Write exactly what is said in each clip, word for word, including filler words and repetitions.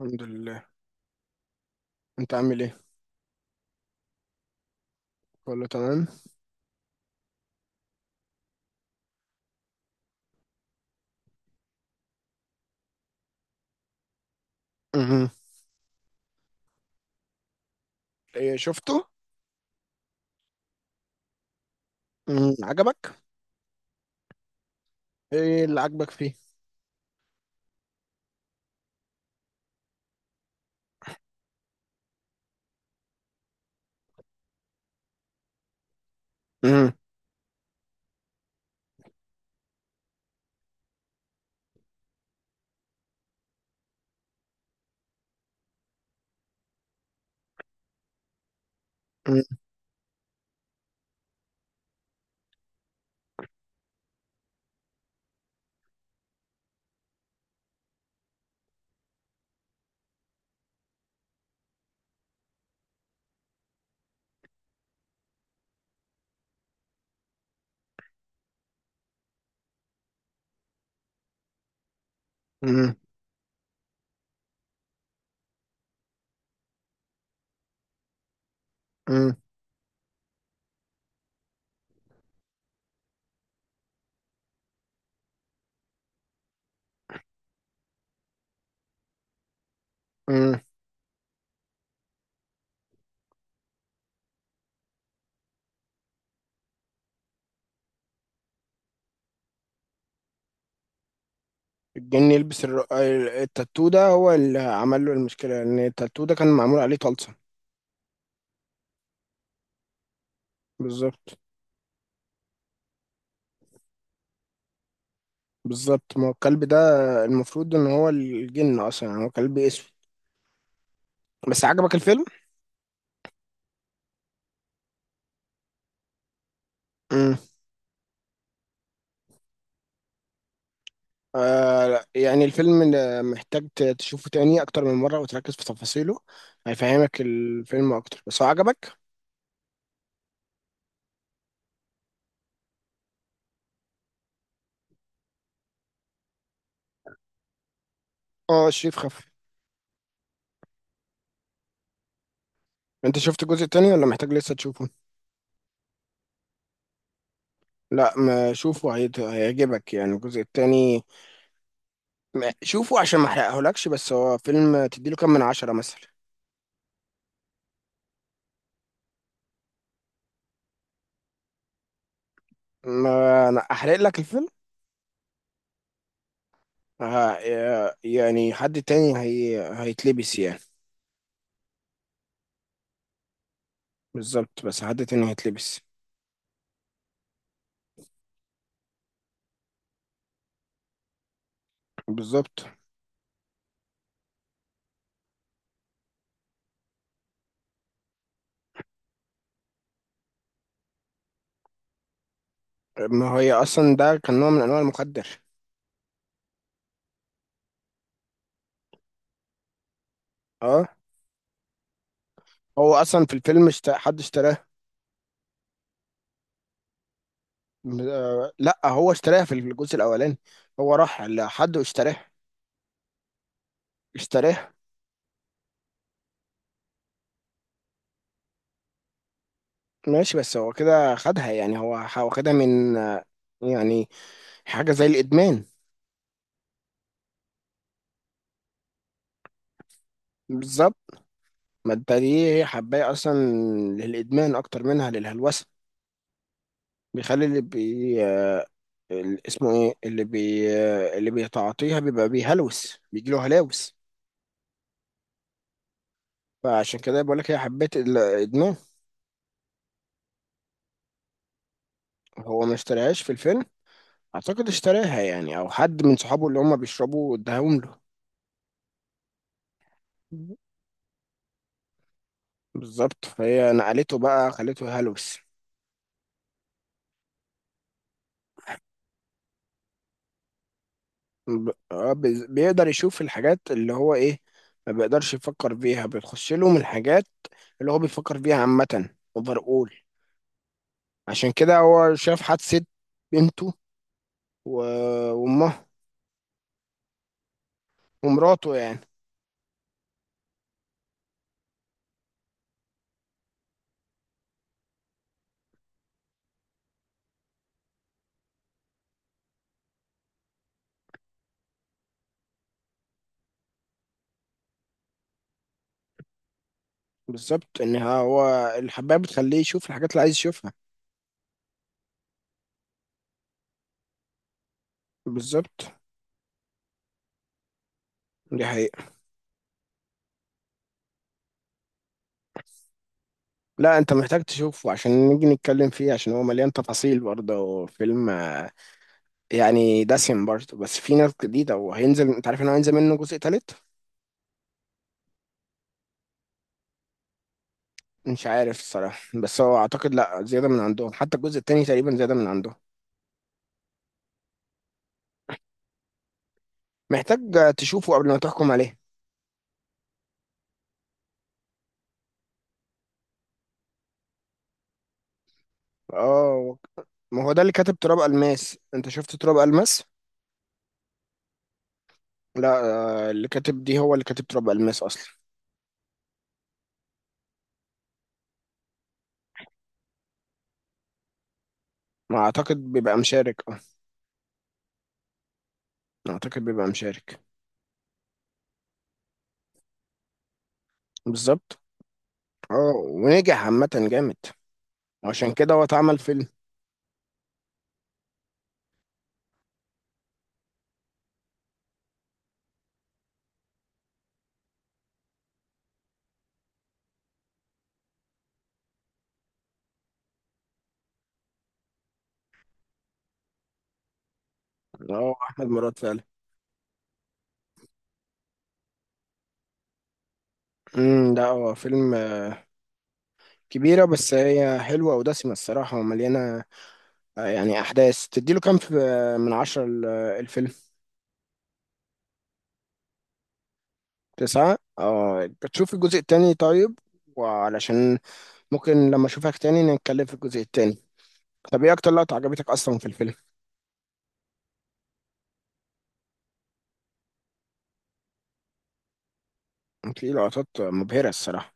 الحمد لله. انت عامل ايه؟ كله تمام. امم ايه شفته؟ امم عجبك؟ ايه اللي عجبك فيه؟ امم امم امم امم الجن يلبس الر- ال- التاتو ده هو اللي عمل له المشكله، لان التاتو ده كان معمول عليه طلسم. بالظبط. بالظبط، ما هو الكلب ده المفروض ان هو الجن اصلا، يعني هو كلب اسود. بس عجبك الفيلم؟ امم آه لا، يعني الفيلم ده محتاج ت- تشوفه تاني اكتر من مره وتركز في تفاصيله، هيفهمك الفيلم اكتر. بس هو عجبك؟ اه، شريف خف. انت شفت الجزء التاني ولا محتاج لسه تشوفه؟ لا، ما شوفه هيت- هيعجبك يعني الجزء التاني. ما- شوفه عشان ما احرقهولكش. بس هو فيلم تديله كام من عشرة مثلا؟ ما انا احرق لك الفيلم. ها؟ يعني حد تاني هي هيتلبس يعني. بالظبط، بس حد تاني هيتلبس. بالظبط، ما هي اصلا ده كان نوع من انواع المخدر. اه. هو اصلا في الفيلم اشت... حد اشتراه؟ م- آه، لا، هو اشتراها في الجزء الاولاني، هو راح لحد واشتراها. اشتراها. ماشي، بس هو كده خدها، يعني هو هو خدها من آه، يعني حاجة زي الإدمان. بالظبط، ما انت دي هي حباية أصلا للإدمان أكتر منها للهلوسة. بيخلي اللي بي آه، ال- اسمه إيه اللي بي آه، اللي بيتعاطيها بيبقى بيهلوس، بيجيله هلاوس. فعشان كده بقول لك هي حبيت الإدمان. هو ما اشتراهاش في الفيلم. أعتقد اشتراها يعني، أو حد من صحابه اللي هما بيشربوا اداهم له. بالظبط، فهي نقلته بقى، خلته هلوس. ب- آه، بيز- بيقدر يشوف الحاجات اللي هو ايه، ما بيقدرش يفكر فيها، بتخش له من الحاجات اللي هو بيفكر فيها عامة. اقدر اقول عشان كده هو شاف حادثة بنته و- وامه ومراته يعني. بالظبط، ان هو الحباية بتخليه يشوف الحاجات اللي عايز يشوفها. بالظبط، دي حقيقة. لا، انت محتاج تشوفه عشان نيجي نتكلم فيه، عشان هو مليان تفاصيل برضه. فيلم آه، يعني دسم برضه، بس في ناس جديدة. وهينزل، انت عارف انه هينزل منه جزء تالت؟ مش عارف الصراحة، بس هو أعتقد لأ، زيادة من عندهم. حتى الجزء التاني تقريبا زيادة من عندهم. محتاج تشوفه قبل ما تحكم عليه. اه، ما هو ده اللي كاتب تراب الماس. انت شفت تراب الماس؟ لا، آه، اللي كاتب دي هو اللي كاتب تراب الماس اصلا. ما اعتقد بيبقى مشارك، اه. اعتقد بيبقى مشارك. بالظبط. اه، ونجح عامة جامد. عشان كده هو اتعمل فيلم. اه، احمد مراد فعلا. امم ده هو فيلم كبيرة، بس هي حلوة ودسمة الصراحة ومليانة آه، يعني أحداث. تديله كام في من عشرة ال- الفيلم؟ تسعة، اه. بتشوف الجزء التاني طيب، وعلشان ممكن لما أشوفك تاني نتكلم في الجزء التاني. طب إيه أكتر لقطة عجبتك أصلا في الفيلم؟ في لقطات مبهرة الصراحة.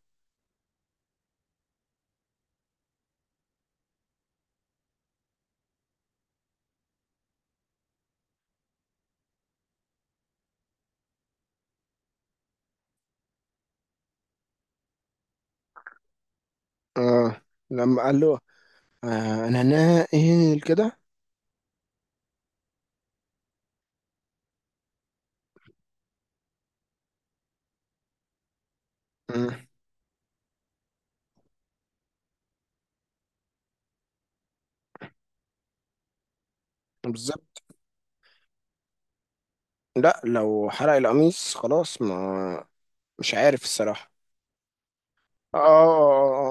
اه، لما قال له آه، أنا ناقل كده. مم، بالظبط. لا، لو حرق القميص خلاص ما، مش عارف الصراحة. اه، آه،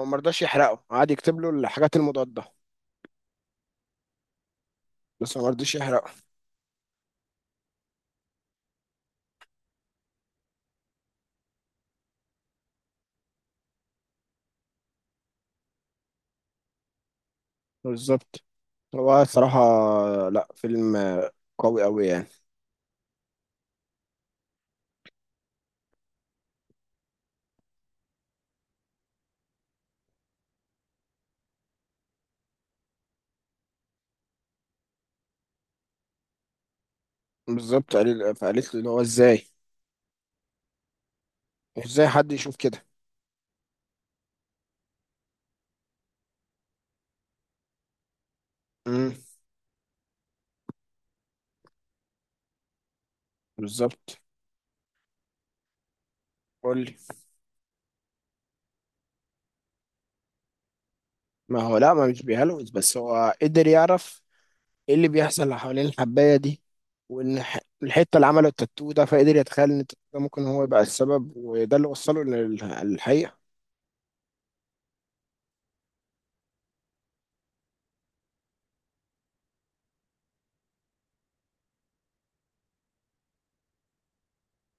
آه، آه، مرضاش يحرقه، قعد يكتب له الحاجات المضادة. بس ما رضيش يحرقه. بالظبط، هو الصراحة لا، فيلم قوي قوي يعني. بالظبط، قال- فقالت لي اللي هو ازاي، ازاي حد يشوف كده. امم، بالظبط. قول لي. ما هو لا، ما مش بيهلوس، بس هو قدر يعرف ايه اللي بيحصل حوالين الحباية دي. وان الح- الحتة اللي عمله التاتو ده، فقدر يتخيل ان التاتو ده ممكن هو يبقى السبب، وده اللي وصله لل- للحقيقة.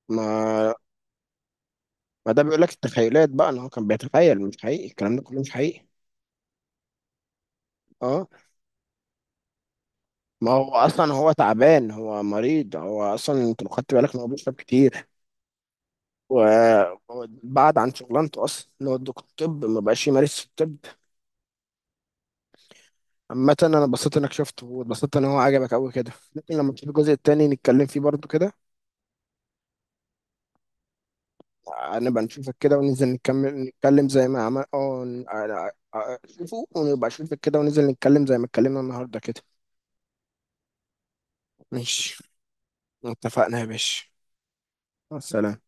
ما ما ده بيقول لك التخيلات بقى، ان هو كان بيتخيل. مش حقيقي الكلام ده كله، مش حقيقي. اه، ما هو اصلا هو تعبان، هو مريض. هو اصلا انت لو خدت بالك ان هو بيشرب كتير، وبعد عن شغلانته اصلا، ان هو دكتور طب ما بقاش يمارس الطب. عامة انا اتبسطت انك شفته، واتبسطت ان هو عجبك قوي كده. ممكن لما تشوف الجزء التاني نتكلم فيه برضو كده. نبقى نشوفك كده وننزل نكمل نتكلم زي ما عمل اه، ن- آه، آه، شوفه، ونبقى نشوفك كده وننزل نتكلم زي ما اتكلمنا النهارده كده. ماشي. اتفقنا يا باشا، مع السلامة.